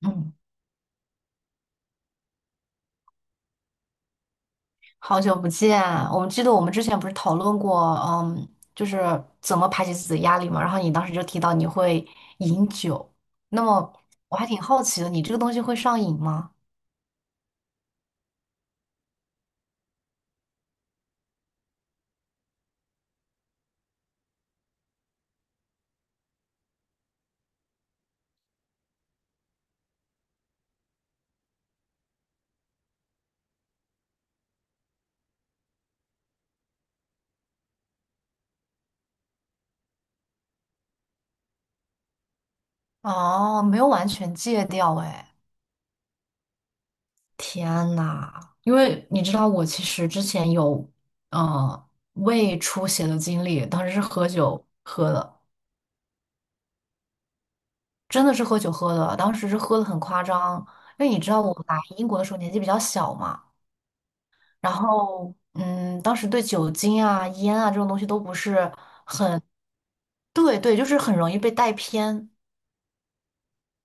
嗯，好久不见，我们记得我们之前不是讨论过，嗯，就是怎么排解自己的压力嘛。然后你当时就提到你会饮酒，那么我还挺好奇的，你这个东西会上瘾吗？哦，没有完全戒掉，哎，天呐，因为你知道我其实之前有，呃，胃出血的经历，当时是喝酒喝的，真的是喝酒喝的，当时是喝的很夸张，因为你知道我来英国的时候年纪比较小嘛。然后，嗯，当时对酒精啊、烟啊这种东西都不是，对对，就是很容易被带偏。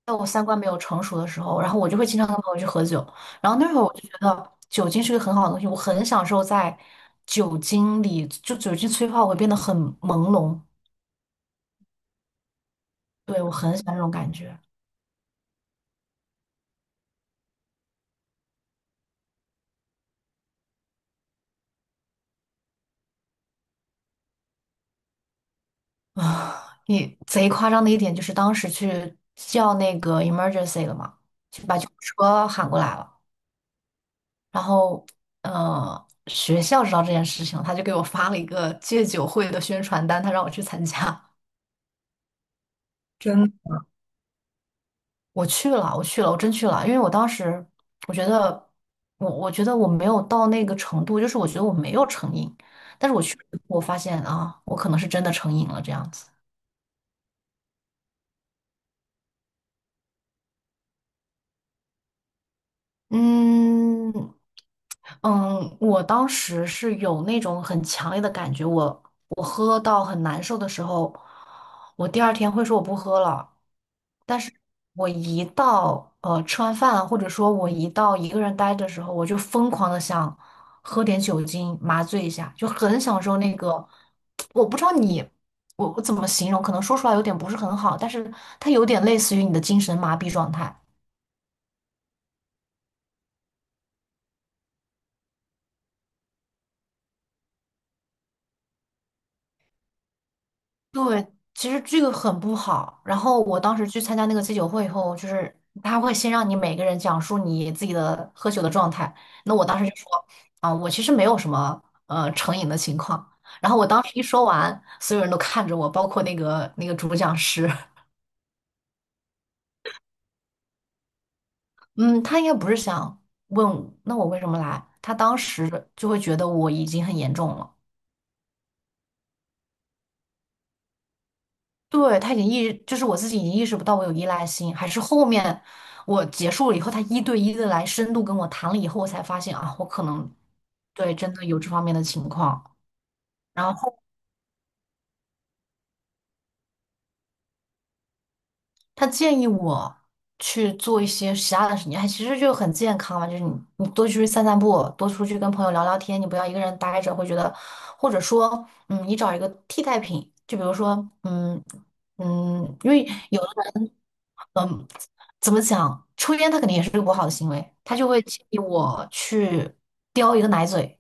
在我三观没有成熟的时候，然后我就会经常跟朋友去喝酒。然后那会儿我就觉得酒精是个很好的东西，我很享受在酒精里，就酒精催化我会变得很朦胧。对，我很喜欢这种感觉啊！你贼夸张的一点就是当时去叫那个 emergency 了嘛，就把救护车喊过来了。然后学校知道这件事情他就给我发了一个戒酒会的宣传单，他让我去参加。真 我去了，我去了，我真去了，因为我当时我觉得我觉得我没有到那个程度，就是我觉得我没有成瘾，但是我去了以后我发现啊，我可能是真的成瘾了这样子。嗯嗯。我当时是有那种很强烈的感觉，我喝到很难受的时候，我第二天会说我不喝了。但是我一到吃完饭，或者说我一到一个人待的时候，我就疯狂的想喝点酒精麻醉一下，就很享受那个。我不知道你，我怎么形容，可能说出来有点不是很好，但是它有点类似于你的精神麻痹状态。对，其实这个很不好。然后我当时去参加那个戒酒会以后，就是他会先让你每个人讲述你自己的喝酒的状态。那我当时就说，啊、我其实没有什么成瘾的情况。然后我当时一说完，所有人都看着我，包括那个主讲师。嗯，他应该不是想问那我为什么来，他当时就会觉得我已经很严重了。对，他已经意，就是我自己已经意识不到我有依赖性，还是后面我结束了以后，他一对一的来深度跟我谈了以后，我才发现啊，我可能对真的有这方面的情况。然后他建议我去做一些其他的事情，还其实就很健康嘛，就是你多出去散散步，多出去跟朋友聊聊天，你不要一个人待着，会觉得，或者说，嗯，你找一个替代品，就比如说，嗯。因为有的人。嗯，怎么讲？抽烟他肯定也是个不好的行为，他就会建议我去叼一个奶嘴，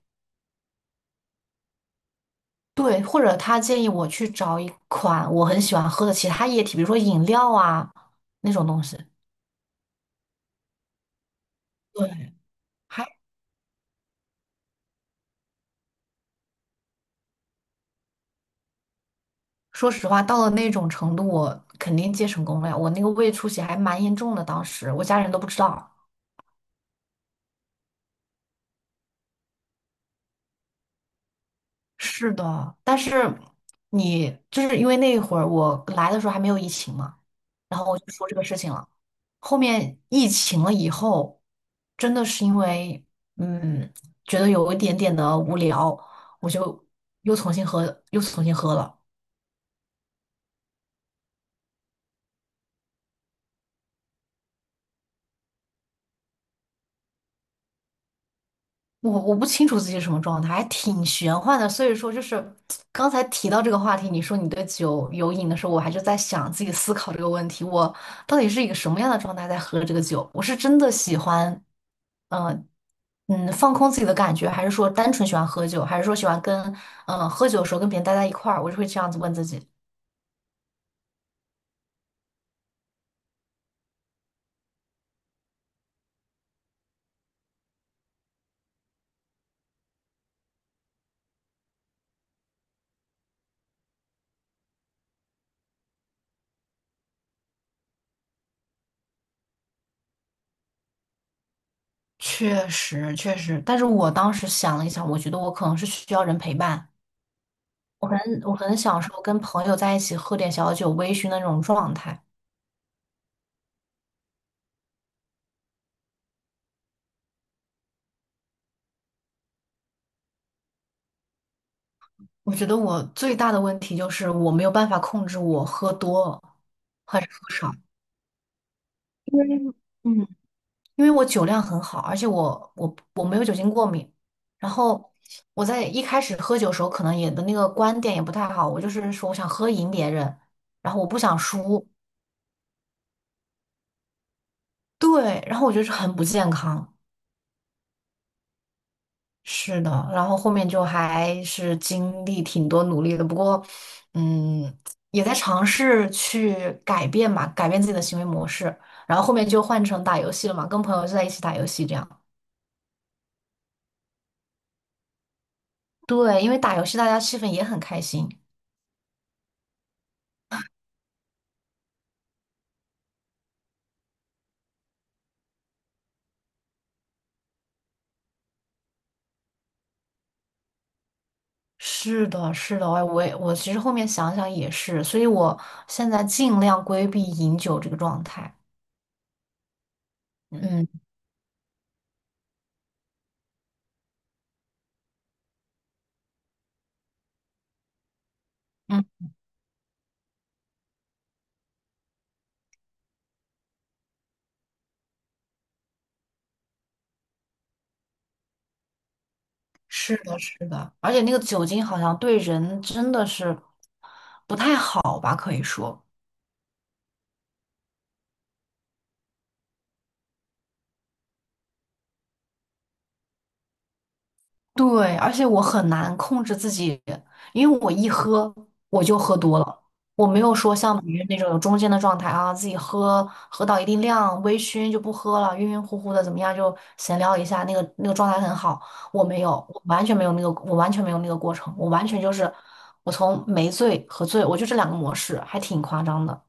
对，或者他建议我去找一款我很喜欢喝的其他液体，比如说饮料啊那种东西。对，还说实话，到了那种程度，我肯定戒成功了呀。我那个胃出血还蛮严重的，当时我家人都不知道。是的，但是就是因为那一会儿我来的时候还没有疫情嘛，然后我就说这个事情了。后面疫情了以后，真的是因为嗯，觉得有一点点的无聊，我就又重新喝，又重新喝了。我不清楚自己是什么状态，还挺玄幻的。所以说，就是刚才提到这个话题，你说你对酒有瘾的时候，我还就在想自己思考这个问题，我到底是一个什么样的状态在喝这个酒？我是真的喜欢，嗯、放空自己的感觉，还是说单纯喜欢喝酒，还是说喜欢跟喝酒的时候跟别人待在一块儿？我就会这样子问自己。确实，确实，但是我当时想了一想，我觉得我可能是需要人陪伴。我很我很享受跟朋友在一起喝点小酒微醺的那种状态。我觉得我最大的问题就是我没有办法控制我喝多还是喝少。嗯，因为我酒量很好，而且我没有酒精过敏。然后我在一开始喝酒的时候，可能也的那个观点也不太好，我就是说我想喝赢别人，然后我不想输。对，然后我觉得是很不健康。是的，然后后面就还是经历挺多努力的，不过，嗯，也在尝试去改变吧，改变自己的行为模式。然后后面就换成打游戏了嘛，跟朋友就在一起打游戏这样。对，因为打游戏大家气氛也很开心。是的，是的，哎，我其实后面想想也是，所以我现在尽量规避饮酒这个状态。嗯嗯。是的，是的，而且那个酒精好像对人真的是不太好吧，可以说。对，而且我很难控制自己，因为我一喝我就喝多了，我没有说像别人那种有中间的状态啊，自己喝到一定量，微醺就不喝了，晕晕乎乎的怎么样就闲聊一下，那个状态很好。我没有，我完全没有那个，我完全没有那个过程，我完全就是我从没醉和醉，我就这两个模式，还挺夸张的。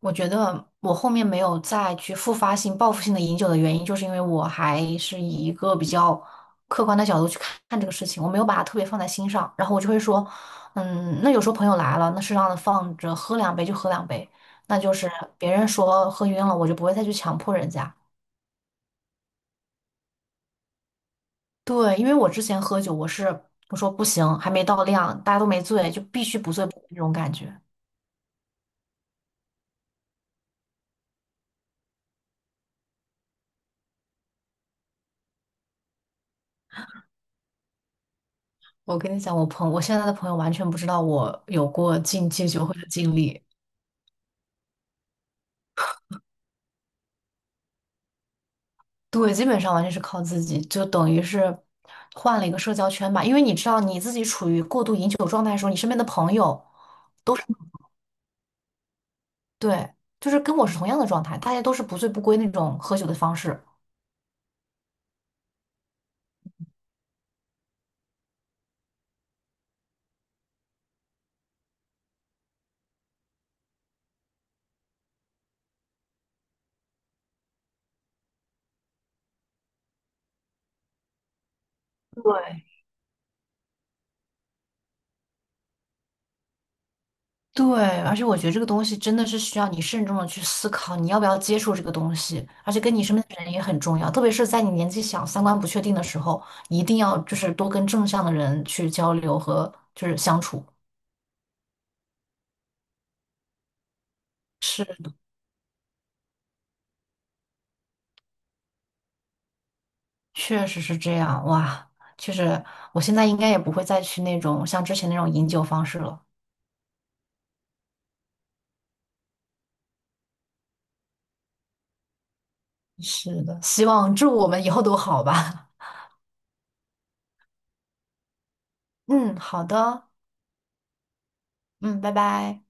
我觉得我后面没有再去复发性、报复性的饮酒的原因，就是因为我还是以一个比较客观的角度去看看这个事情，我没有把它特别放在心上。然后我就会说，嗯，那有时候朋友来了，那适当的放着喝两杯就喝两杯，那就是别人说喝晕了，我就不会再去强迫人家。对，因为我之前喝酒，我是我说不行，还没到量，大家都没醉，就必须不醉不归那种感觉。我跟你讲，我现在的朋友完全不知道我有过禁戒酒会的经历。对，基本上完全是靠自己，就等于是换了一个社交圈吧。因为你知道你自己处于过度饮酒状态的时候，你身边的朋友，对，就是跟我是同样的状态，大家都是不醉不归那种喝酒的方式。对，对，而且我觉得这个东西真的是需要你慎重的去思考，你要不要接触这个东西，而且跟你身边的人也很重要，特别是在你年纪小、三观不确定的时候，一定要就是多跟正向的人去交流和就是相处。是。确实是这样，哇，确实，我现在应该也不会再去那种像之前那种饮酒方式了。是的，希望祝我们以后都好吧。嗯，好的，嗯，拜拜。